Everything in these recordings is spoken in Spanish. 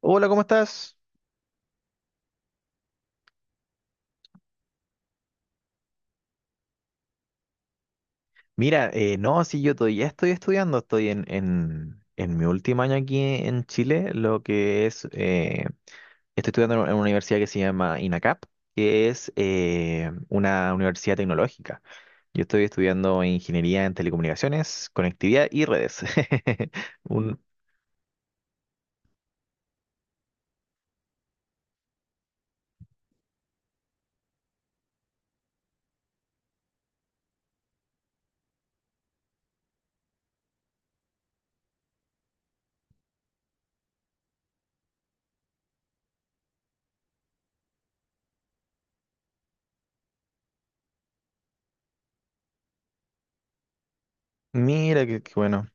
Hola, ¿cómo estás? Mira, no, sí, yo todavía estoy estudiando, estoy en mi último año aquí en Chile, lo que es, estoy estudiando en una universidad que se llama INACAP, que es una universidad tecnológica. Yo estoy estudiando ingeniería en telecomunicaciones, conectividad y redes. Un- mira, qué bueno.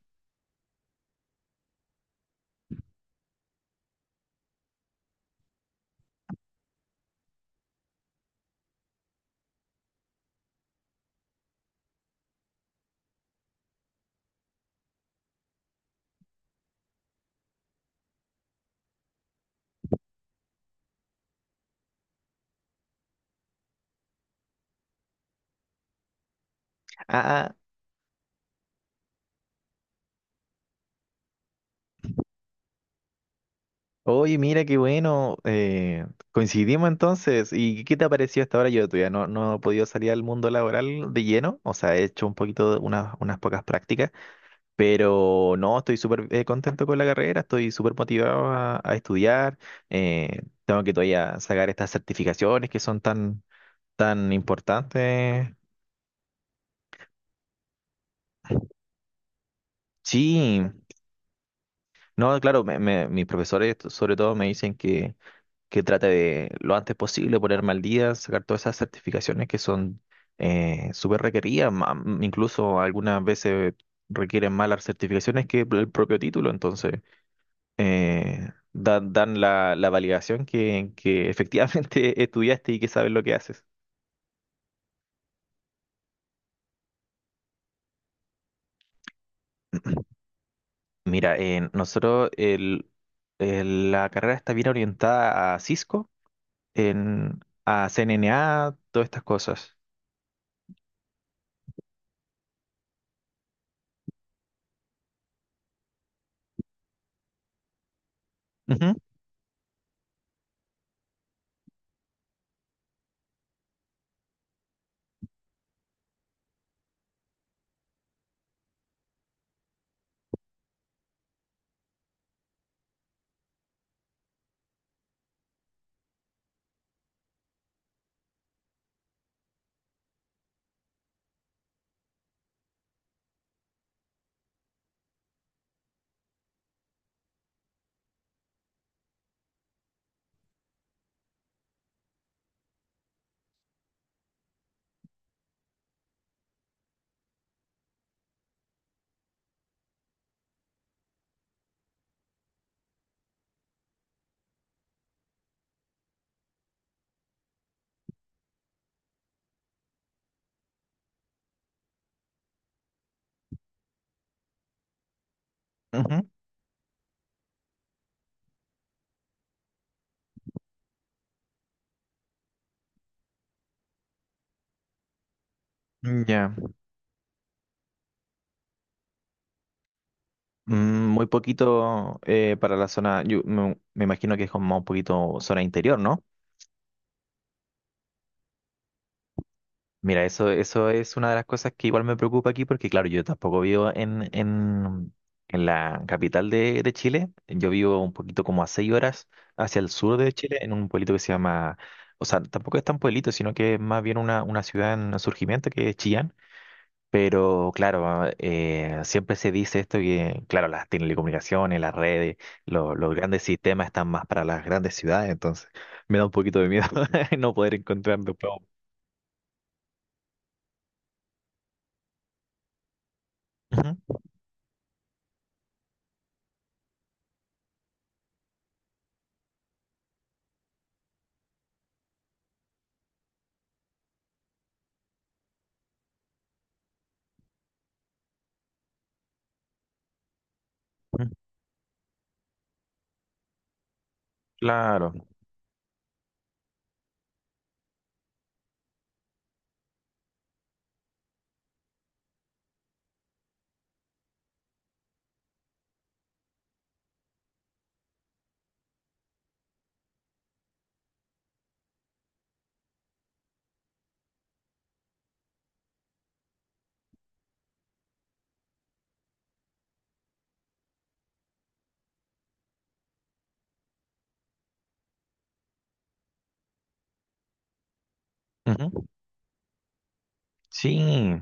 Ah, ah, Oye, mira qué bueno, coincidimos entonces. ¿Y qué te ha parecido hasta ahora? Yo todavía no he podido salir al mundo laboral de lleno, o sea, he hecho un poquito, de unas pocas prácticas, pero no, estoy súper contento con la carrera, estoy súper motivado a estudiar, tengo que todavía sacar estas certificaciones que son tan importantes. Sí, no, claro, mis profesores sobre todo me dicen que trate de lo antes posible ponerme al día, sacar todas esas certificaciones que son súper requeridas, incluso algunas veces requieren más las certificaciones que el propio título, entonces dan, dan la validación que efectivamente estudiaste y que sabes lo que haces. Mira, nosotros la carrera está bien orientada a Cisco, en, a CNNA, todas estas cosas. Ujú, ujú. Ya. Mm, muy poquito para la zona, yo me imagino que es como un poquito zona interior, ¿no? Mira, eso es una de las cosas que igual me preocupa aquí porque, claro, yo tampoco vivo en la capital de Chile, yo vivo un poquito como a seis horas hacia el sur de Chile, en un pueblito que se llama, o sea, tampoco es tan pueblito, sino que es más bien una ciudad en surgimiento que es Chillán. Pero claro, siempre se dice esto que, claro, las telecomunicaciones, las redes, los grandes sistemas están más para las grandes ciudades, entonces me da un poquito de miedo no poder encontrar después. Ujú, ujú, claro, ujú, sí.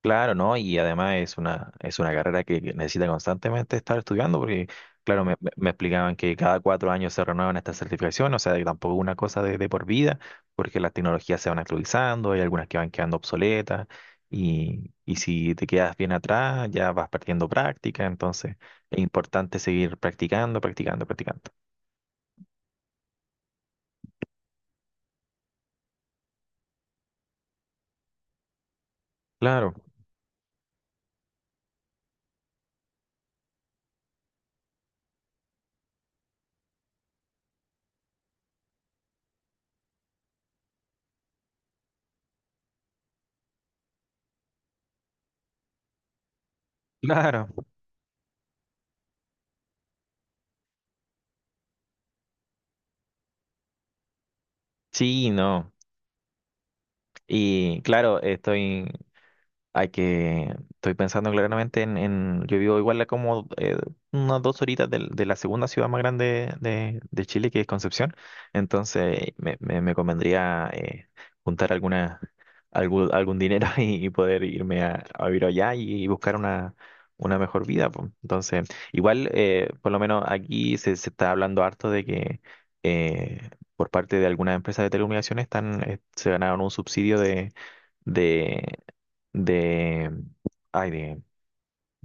Claro, ¿no? Y además es una carrera que necesita constantemente estar estudiando, porque, claro, me explicaban que cada cuatro años se renuevan estas certificaciones, o sea, que tampoco es una cosa de por vida, porque las tecnologías se van actualizando, hay algunas que van quedando obsoletas, y si te quedas bien atrás, ya vas perdiendo práctica, entonces es importante seguir practicando, practicando, practicando. Claro, claro, sí, no. Y claro, estoy hay que, estoy pensando claramente en, yo vivo igual a como unas dos horitas de la segunda ciudad más grande de Chile, que es Concepción. Entonces me convendría juntar alguna, algún dinero y poder irme a vivir allá y buscar una mejor vida. Po. Entonces, igual, por lo menos aquí se está hablando harto de que eh, por parte de algunas empresas de telecomunicaciones están, se ganaron un subsidio de de, ay, de-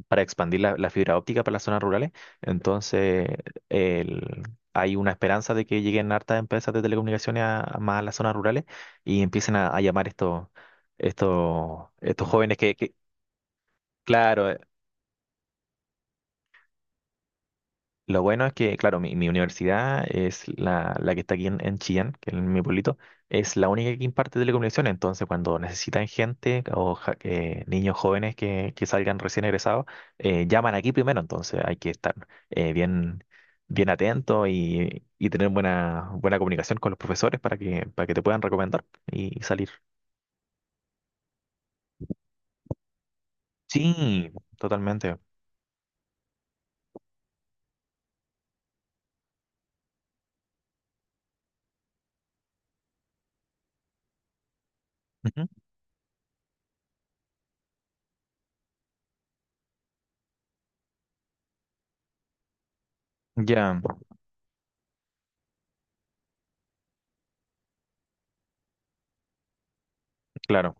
para expandir la fibra óptica para las zonas rurales. Entonces, el- hay una esperanza de que lleguen hartas empresas de telecomunicaciones, a más a las zonas rurales y empiecen a llamar estos jóvenes claro. Lo bueno es que, claro, mi universidad es la que está aquí en Chillán, que es mi pueblito, es la única que imparte telecomunicaciones. Entonces, cuando necesitan gente niños jóvenes que salgan recién egresados, llaman aquí primero. Entonces, hay que estar bien atento y tener buena, buena comunicación con los profesores para para que te puedan recomendar y salir. Sí, totalmente. Ujú. Ya, claro.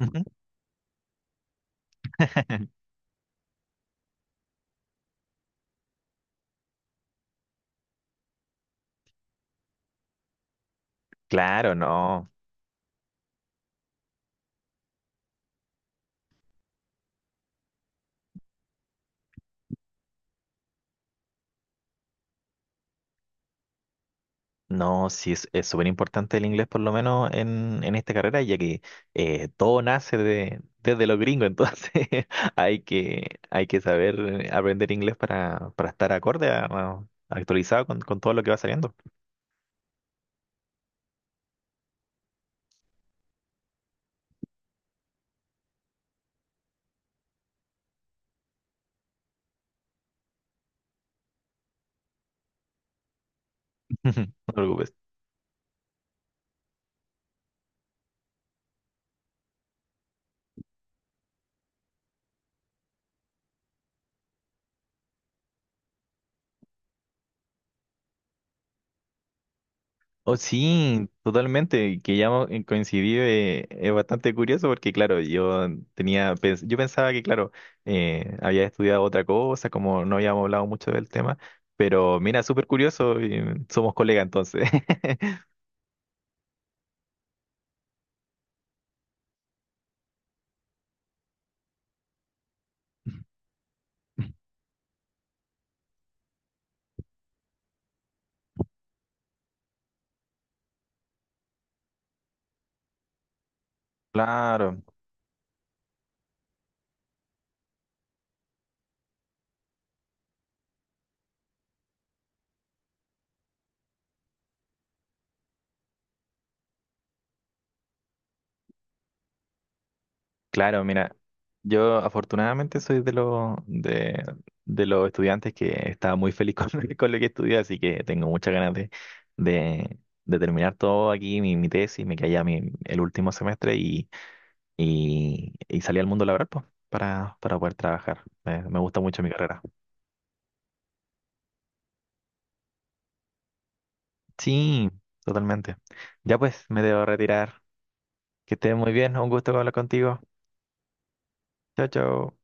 Ujú. Claro, no. No, sí, es súper importante el inglés, por lo menos en esta carrera, ya que todo nace de, desde los gringos, entonces hay que saber aprender inglés para estar acorde, actualizado con todo lo que va saliendo. No te preocupes. Oh, sí, totalmente, y que ya coincidí, es bastante curioso porque, claro, yo yo pensaba que, claro, había estudiado otra cosa, como no habíamos hablado mucho del tema, pero mira, súper curioso, y somos colegas entonces. Claro. Claro, mira, yo afortunadamente soy de los estudiantes que estaba muy feliz con, con lo que estudié, así que tengo muchas ganas de, de terminar todo aquí, mi tesis, me quedé ya el último semestre y salí al mundo laboral pues, para poder trabajar. Me gusta mucho mi carrera. Sí, totalmente. Ya pues, me debo retirar. Que estés muy bien, un gusto hablar contigo. Chao, chao.